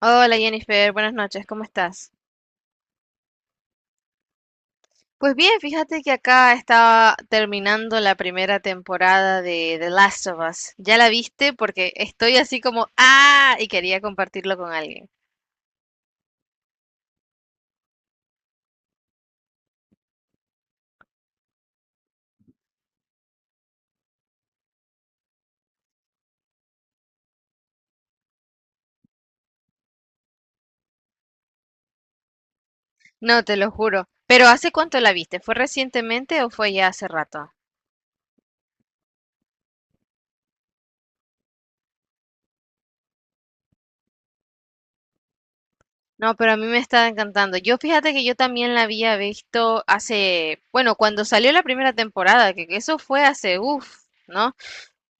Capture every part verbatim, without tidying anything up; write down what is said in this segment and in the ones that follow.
Hola Jennifer, buenas noches, ¿cómo estás? Pues bien, fíjate que acá estaba terminando la primera temporada de The Last of Us. ¿Ya la viste? Porque estoy así como, ah, y quería compartirlo con alguien. No, te lo juro. Pero ¿hace cuánto la viste? ¿Fue recientemente o fue ya hace rato? No, pero a mí me está encantando. Yo fíjate que yo también la había visto hace, bueno, cuando salió la primera temporada, que que eso fue hace, uff, ¿no?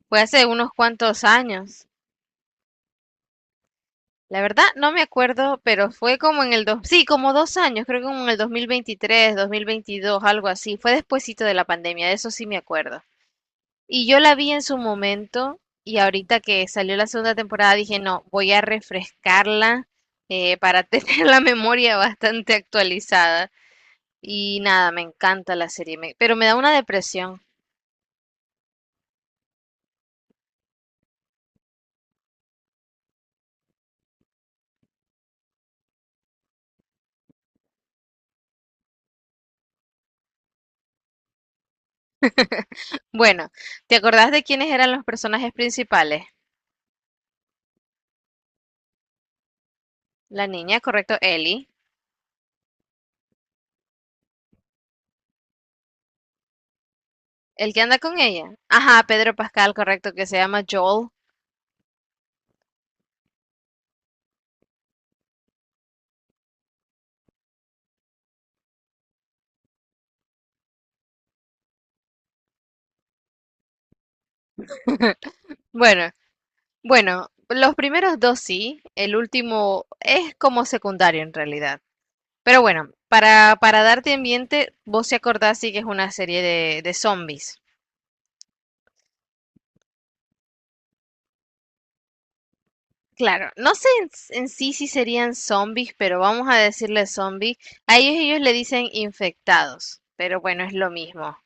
Fue hace unos cuantos años. La verdad, no me acuerdo, pero fue como en el dos, sí, como dos años, creo que como en el dos mil veintitrés, dos mil veintidós, algo así. Fue despuesito de la pandemia, de eso sí me acuerdo. Y yo la vi en su momento y ahorita que salió la segunda temporada dije, no, voy a refrescarla eh, para tener la memoria bastante actualizada. Y nada, me encanta la serie, me- pero me da una depresión. Bueno, ¿te acordás de quiénes eran los personajes principales? La niña, correcto, Ellie. El que anda con ella. Ajá, Pedro Pascal, correcto, que se llama Joel. Bueno, bueno, los primeros dos sí, el último es como secundario en realidad. Pero bueno, para, para darte ambiente, vos se acordás sí que es una serie de, de zombies. Claro, no sé en, en sí si serían zombies, pero vamos a decirle zombies. A ellos ellos le dicen infectados, pero bueno, es lo mismo.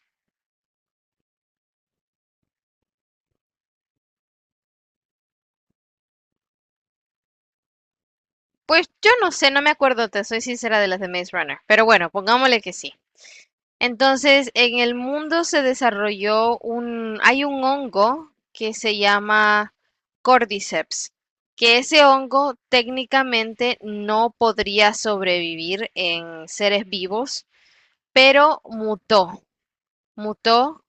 Pues yo no sé, no me acuerdo, te soy sincera de las de Maze Runner, pero bueno, pongámosle que sí. Entonces, en el mundo se desarrolló un, hay un hongo que se llama Cordyceps, que ese hongo técnicamente no podría sobrevivir en seres vivos, pero mutó, mutó.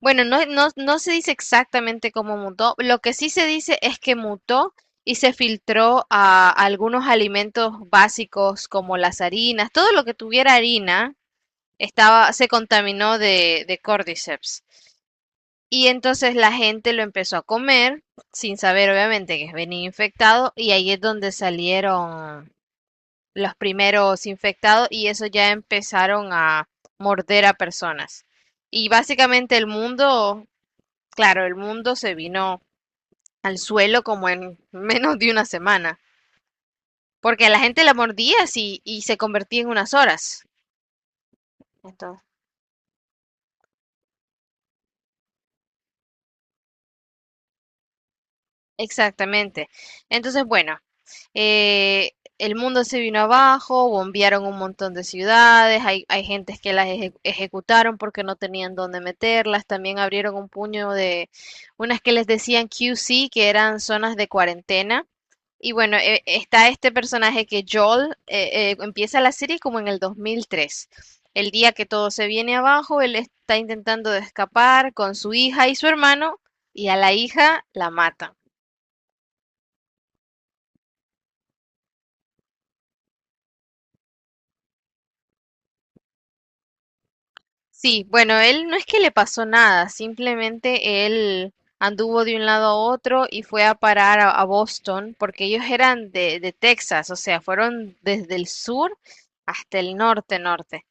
Bueno, no, no, no se dice exactamente cómo mutó, lo que sí se dice es que mutó y se filtró a algunos alimentos básicos como las harinas, todo lo que tuviera harina estaba, se contaminó de, de cordyceps. Y entonces la gente lo empezó a comer, sin saber obviamente que venía infectado, y ahí es donde salieron los primeros infectados y eso ya empezaron a morder a personas. Y básicamente el mundo, claro, el mundo se vino al suelo como en menos de una semana, porque a la gente la mordía así y se convertía en unas horas. Entonces, exactamente. Entonces, bueno, eh, el mundo se vino abajo, bombearon un montón de ciudades, hay, hay gentes que las eje- ejecutaron porque no tenían dónde meterlas, también abrieron un puño de unas que les decían Q C, que eran zonas de cuarentena. Y bueno, e- está este personaje que Joel eh, eh, empieza la serie como en el dos mil tres. El día que todo se viene abajo, él está intentando de escapar con su hija y su hermano, y a la hija la matan. Sí, bueno, él no es que le pasó nada, simplemente él anduvo de un lado a otro y fue a parar a, a Boston, porque ellos eran de, de Texas, o sea, fueron desde el sur hasta el norte, norte.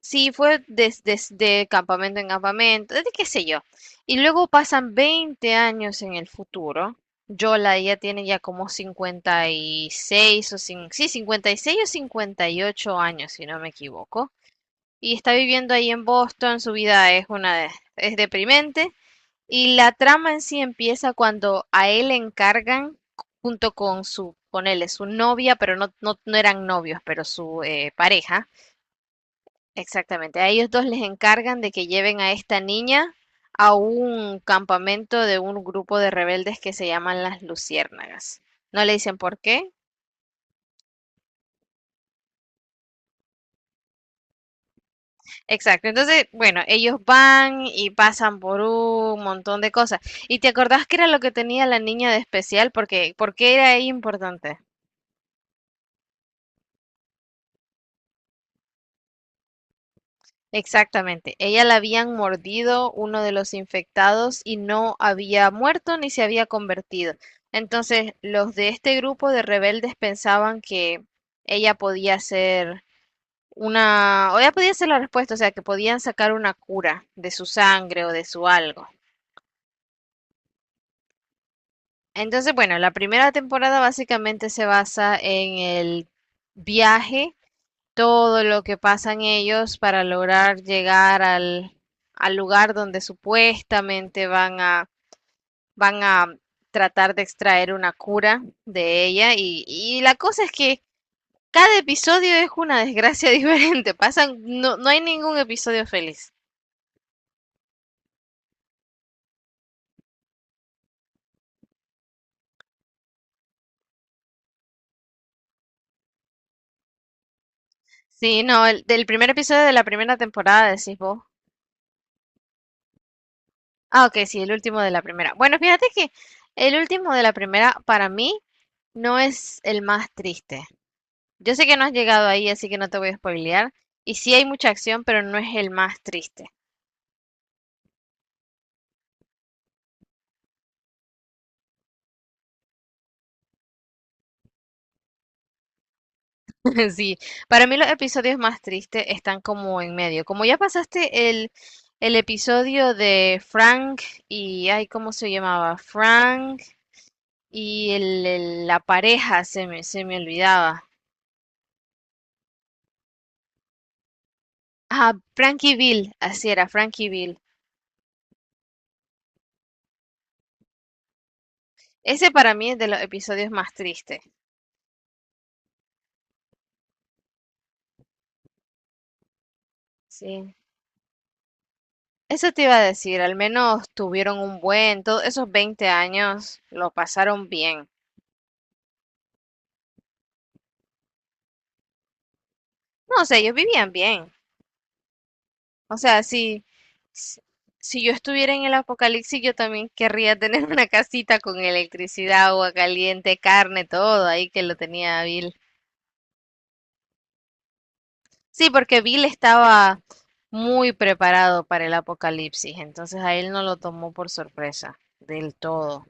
Sí, fue des- desde campamento en campamento, desde qué sé yo. Y luego pasan veinte años en el futuro. Yola ya tiene ya como cincuenta y seis o cin- sí, cincuenta y seis o cincuenta y ocho años, si no me equivoco y está viviendo ahí en Boston, su vida es una es deprimente y la trama en sí empieza cuando a él le encargan junto con su, ponele, su novia, pero no, no, no eran novios, pero su eh, pareja, exactamente, a ellos dos les encargan de que lleven a esta niña a un campamento de un grupo de rebeldes que se llaman las Luciérnagas. No le dicen por qué, exacto, entonces, bueno, ellos van y pasan por un montón de cosas. ¿Y te acordás qué era lo que tenía la niña de especial? Porque, ¿por qué era ella importante? Exactamente, ella la habían mordido uno de los infectados y no había muerto ni se había convertido. Entonces, los de este grupo de rebeldes pensaban que ella podía ser una, o ella podía ser la respuesta, o sea, que podían sacar una cura de su sangre o de su algo. Entonces, bueno, la primera temporada básicamente se basa en el viaje, todo lo que pasan ellos para lograr llegar al, al lugar donde supuestamente van a, van a tratar de extraer una cura de ella. Y, y la cosa es que cada episodio es una desgracia diferente. Pasan, no, no hay ningún episodio feliz. Sí, no, el, del primer episodio de la primera temporada, decís vos. Ah, ok, sí, el último de la primera. Bueno, fíjate que el último de la primera para mí no es el más triste. Yo sé que no has llegado ahí, así que no te voy a spoilear. Y sí hay mucha acción, pero no es el más triste. Sí, para mí los episodios más tristes están como en medio. Como ya pasaste el, el episodio de Frank y, ay, ¿cómo se llamaba? Frank y el- el- la pareja, se me, se me olvidaba. Ah, Frankie Bill, así era, Frankie Bill. Ese para mí es de los episodios más tristes. Sí. Eso te iba a decir, al menos tuvieron un buen, todos esos veinte años lo pasaron bien. No, o sea, ellos vivían bien. O sea, si, si si yo estuviera en el apocalipsis, yo también querría tener una casita con electricidad, agua caliente, carne, todo ahí que lo tenía Bill. Sí, porque Bill estaba muy preparado para el apocalipsis, entonces a él no lo tomó por sorpresa del todo.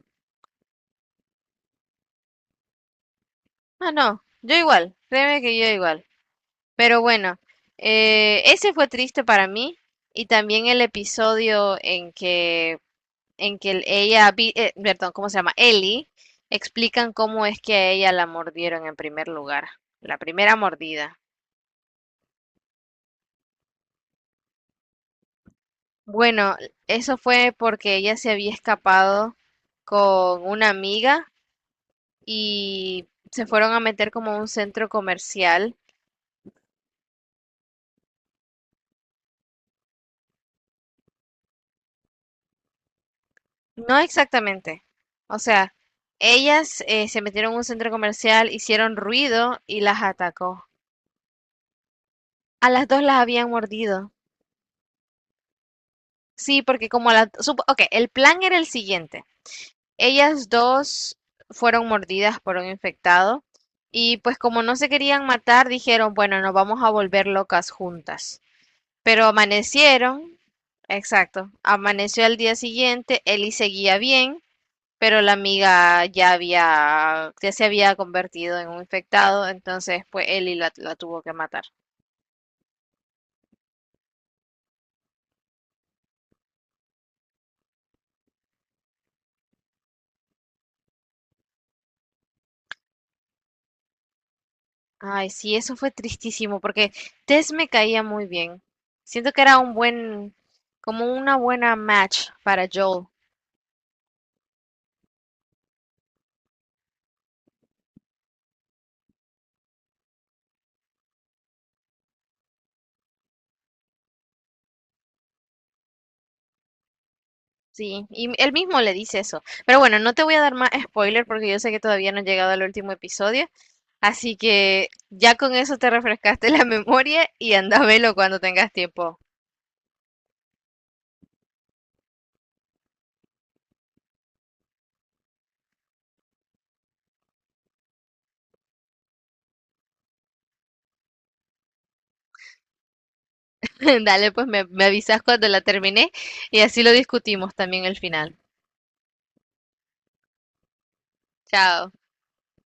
Ah, no, yo igual, créeme que yo igual. Pero bueno, eh, ese fue triste para mí y también el episodio en que, en que el- ella, vi- eh, perdón, ¿cómo se llama? Ellie, explican cómo es que a ella la mordieron en primer lugar, la primera mordida. Bueno, eso fue porque ella se había escapado con una amiga y se fueron a meter como a un centro comercial. No exactamente. O sea, ellas eh, se metieron en un centro comercial, hicieron ruido y las atacó. A las dos las habían mordido. Sí, porque como a las... Ok, el plan era el siguiente. Ellas dos fueron mordidas por un infectado y pues como no se querían matar, dijeron, bueno, nos vamos a volver locas juntas. Pero amanecieron, exacto, amaneció al día siguiente, Ellie seguía bien pero la amiga ya había, ya se había convertido en un infectado, entonces pues Ellie la, la tuvo que matar. Ay, sí, eso fue tristísimo, porque Tess me caía muy bien. Siento que era un buen, como una buena match para Joel. Sí, y él mismo le dice eso. Pero bueno, no te voy a dar más spoiler porque yo sé que todavía no he llegado al último episodio. Así que ya con eso te refrescaste la memoria y anda a verlo cuando tengas tiempo. Dale, pues me, me avisas cuando la termine y así lo discutimos también el final. Chao.